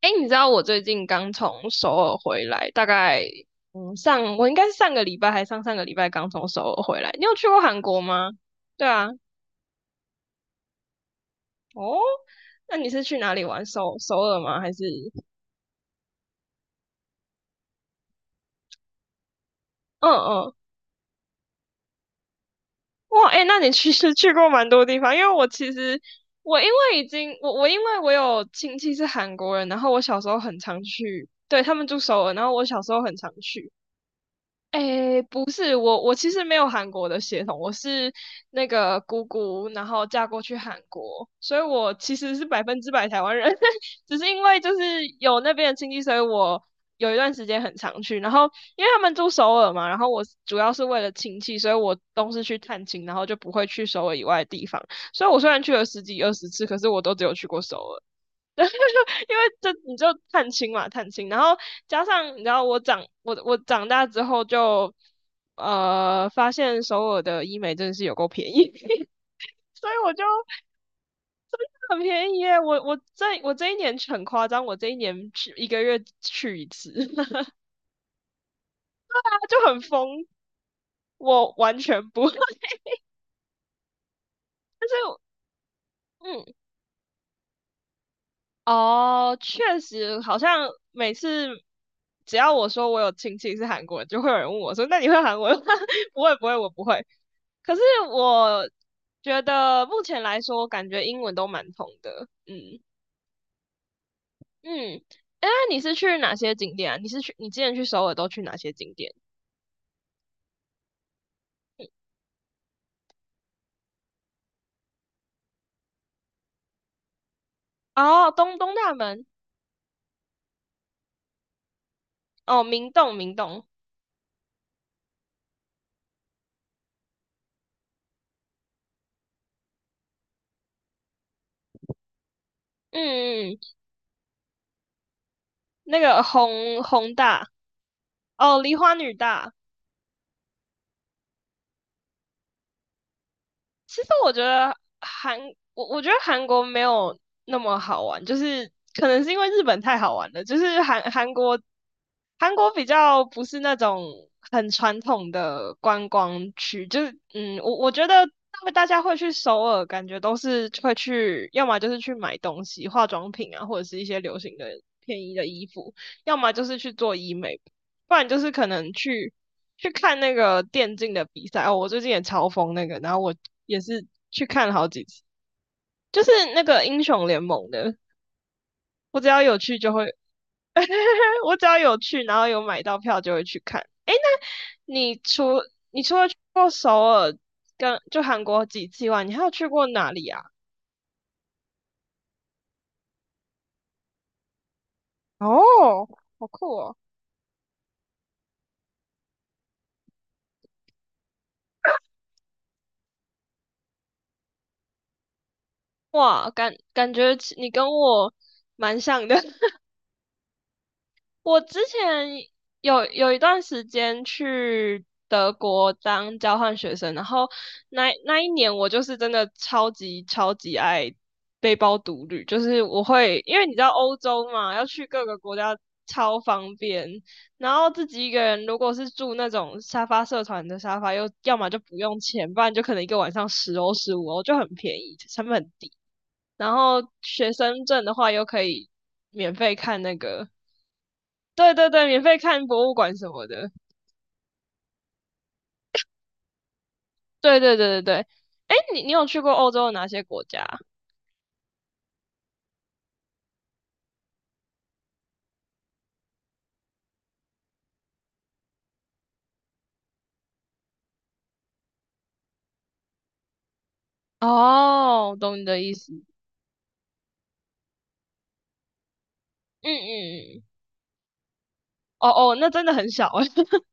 哎，你知道我最近刚从首尔回来，大概我应该是上个礼拜还上上个礼拜刚从首尔回来。你有去过韩国吗？对啊。哦，那你是去哪里玩？首尔吗？还是嗯嗯。哇，哎，那你其实去过蛮多地方，因为我其实我因为已经我我因为我有亲戚是韩国人，然后我小时候很常去，对，他们住首尔，然后我小时候很常去。诶，不是，我其实没有韩国的血统，我是那个姑姑，然后嫁过去韩国，所以我其实是100%台湾人，只是因为就是有那边的亲戚，所以我有一段时间很常去。然后因为他们住首尔嘛，然后我主要是为了亲戚，所以我都是去探亲，然后就不会去首尔以外的地方。所以我虽然去了十几二十次，可是我都只有去过首尔。因为这你就探亲嘛，探亲，然后加上你知道我长我我长大之后就发现首尔的医美真的是有够便宜，所以我就很便宜耶。我我这我这一年很夸张，我这一年去一个月去一次，就很疯。我完全不，但是嗯，哦，确实。好像每次只要我说我有亲戚是韩国人，就会有人问我说：“那你会韩文吗？” 不会，不会，我不会。可是我觉得目前来说，我感觉英文都蛮通的。嗯嗯。哎，你是去哪些景点啊？你是去你之前去首尔都去哪些景点？哦，东大门，哦，明洞，明洞。嗯嗯，嗯。那个弘大，哦，梨花女大。其实我觉得韩国没有那么好玩，就是可能是因为日本太好玩了，就是韩国比较不是那种很传统的观光区，就是我觉得他们大家会去首尔，感觉都是会去，要么就是去买东西、化妆品啊，或者是一些流行的便宜的衣服，要么就是去做医美，不然就是可能去。去看那个电竞的比赛哦，我最近也超疯那个，然后我也是去看了好几次，就是那个英雄联盟的，我只要有去就会。我只要有去，然后有买到票就会去看。诶，那你除过首尔跟就韩国几次以外，你还有去过哪里啊？哦，好酷哦！哇，感感觉你跟我蛮像的。我之前有一段时间去德国当交换学生，然后那一年我就是真的超级超级爱背包独旅，就是我会因为你知道欧洲嘛，要去各个国家超方便，然后自己一个人如果是住那种沙发社团的沙发，又要么就不用钱，不然就可能一个晚上10欧15欧就很便宜，成本很低。然后学生证的话又可以免费看那个。对对对，免费看博物馆什么的。对对对对对。哎，你你有去过欧洲的哪些国家？哦，懂你的意思。嗯嗯嗯。哦哦，那真的很小哎。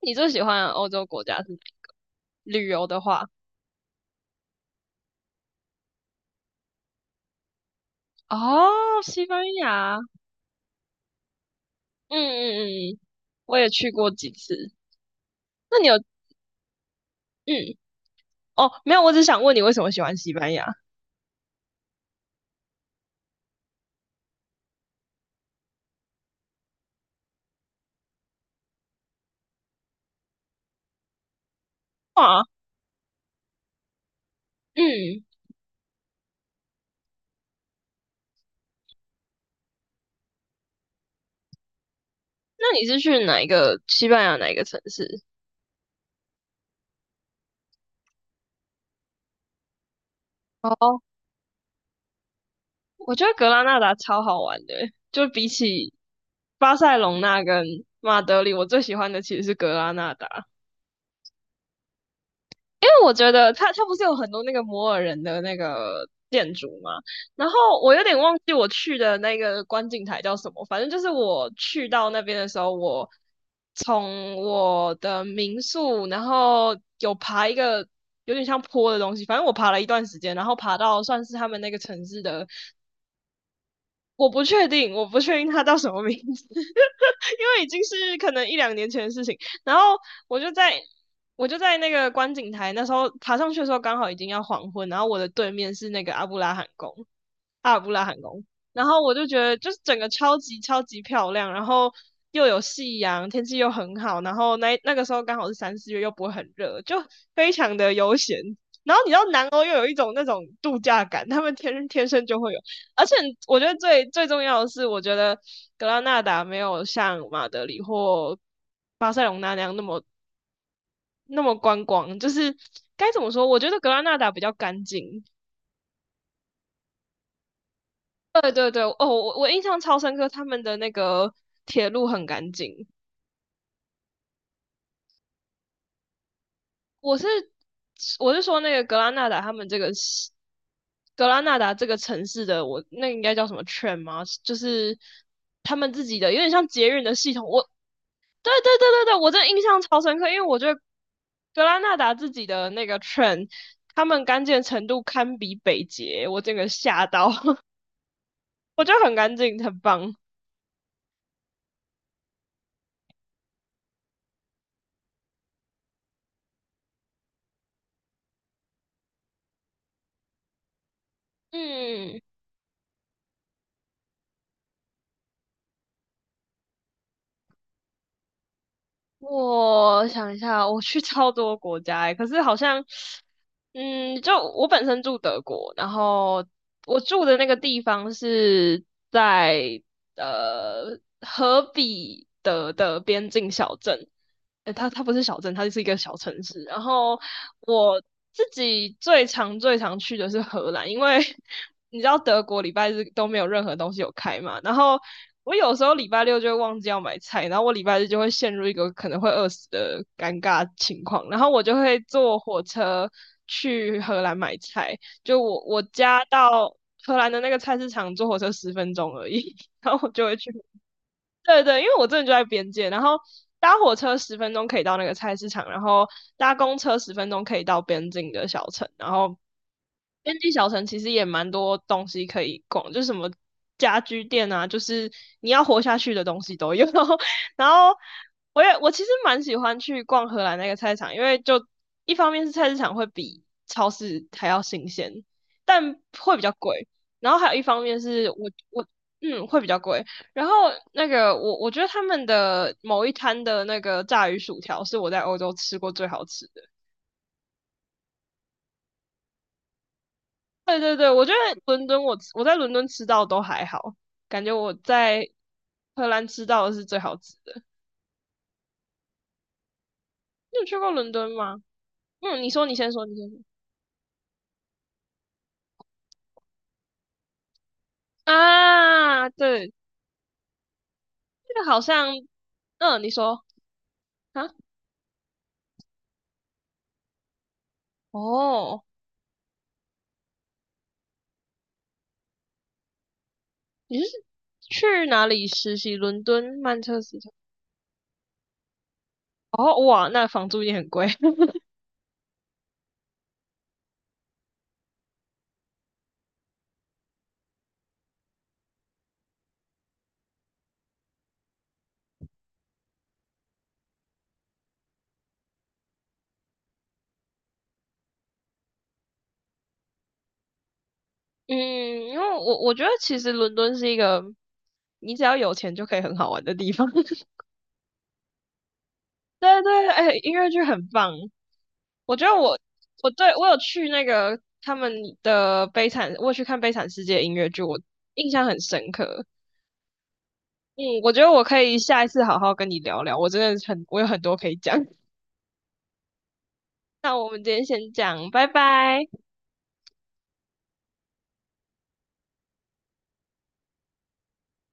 你最喜欢的欧洲国家是哪一个？旅游的话，哦，西班牙。嗯嗯嗯嗯，我也去过几次。那你有嗯哦没有？我只想问你为什么喜欢西班牙？哇，嗯，那你是去哪一个西班牙哪一个城市？哦，我觉得格拉纳达超好玩的欸，就比起巴塞隆纳跟马德里，我最喜欢的其实是格拉纳达，因为我觉得它不是有很多那个摩尔人的那个建筑嘛。然后我有点忘记我去的那个观景台叫什么，反正就是我去到那边的时候，我从我的民宿，然后有爬一个有点像坡的东西，反正我爬了一段时间，然后爬到算是他们那个城市的。我不确定，我不确定他叫什么名字，因为已经是可能一两年前的事情。然后我就在我就在那个观景台，那时候爬上去的时候刚好已经要黄昏，然后我的对面是那个阿布拉罕宫，阿尔布拉罕宫。然后我就觉得就是整个超级超级漂亮，然后又有夕阳，天气又很好，然后那个时候刚好是三四月，又不会很热，就非常的悠闲。然后你知道南欧又有一种那种度假感，他们天天生就会有，而且我觉得最最重要的是，我觉得格拉纳达没有像马德里或巴塞隆那那样那么观光，就是该怎么说？我觉得格拉纳达比较干净。对对对，哦，我印象超深刻，他们的那个铁路很干净。我是我是说那个格拉纳达他们这个是格拉纳达这个城市的，我那应该叫什么 train 吗？就是他们自己的有点像捷运的系统。对对对对对，我真的印象超深刻，因为我觉得格拉纳达自己的那个 tren 他们干净的程度堪比北捷，我整个吓到，我觉得很干净，很棒。嗯，我想一下，我去超多国家欸，可是好像，嗯，就我本身住德国，然后我住的那个地方是在荷比得的边境小镇。它不是小镇，它就是一个小城市。然后我自己最常最常去的是荷兰，因为 你知道德国礼拜日都没有任何东西有开嘛。然后我有时候礼拜六就会忘记要买菜，然后我礼拜日就会陷入一个可能会饿死的尴尬情况，然后我就会坐火车去荷兰买菜。就我家到荷兰的那个菜市场坐火车十分钟而已，然后我就会去。对对，因为我真的就在边界，然后搭火车十分钟可以到那个菜市场，然后搭公车十分钟可以到边境的小城，然后边境小城其实也蛮多东西可以逛，就是什么家居店啊，就是你要活下去的东西都有。然后我也我其实蛮喜欢去逛荷兰那个菜市场，因为就一方面是菜市场会比超市还要新鲜，但会比较贵，然后还有一方面是我会比较贵。然后那个我觉得他们的某一摊的那个炸鱼薯条是我在欧洲吃过最好吃的。对对对，我觉得伦敦我在伦敦吃到都还好，感觉我在荷兰吃到的是最好吃的。你有去过伦敦吗？嗯，你说，你先说，你先说。啊，对，这个好像。嗯，你说啊。哦，你是去哪里实习？伦敦、曼彻斯特。哦，哇，那房租也很贵。嗯，因为我觉得其实伦敦是一个你只要有钱就可以很好玩的地方。对对，哎，音乐剧很棒。我觉得我有去那个他们的《悲惨》，我有去看《悲惨世界》音乐剧，我印象很深刻。嗯，我觉得我可以下一次好好跟你聊聊，我真的有很多可以讲。那我们今天先讲，拜拜。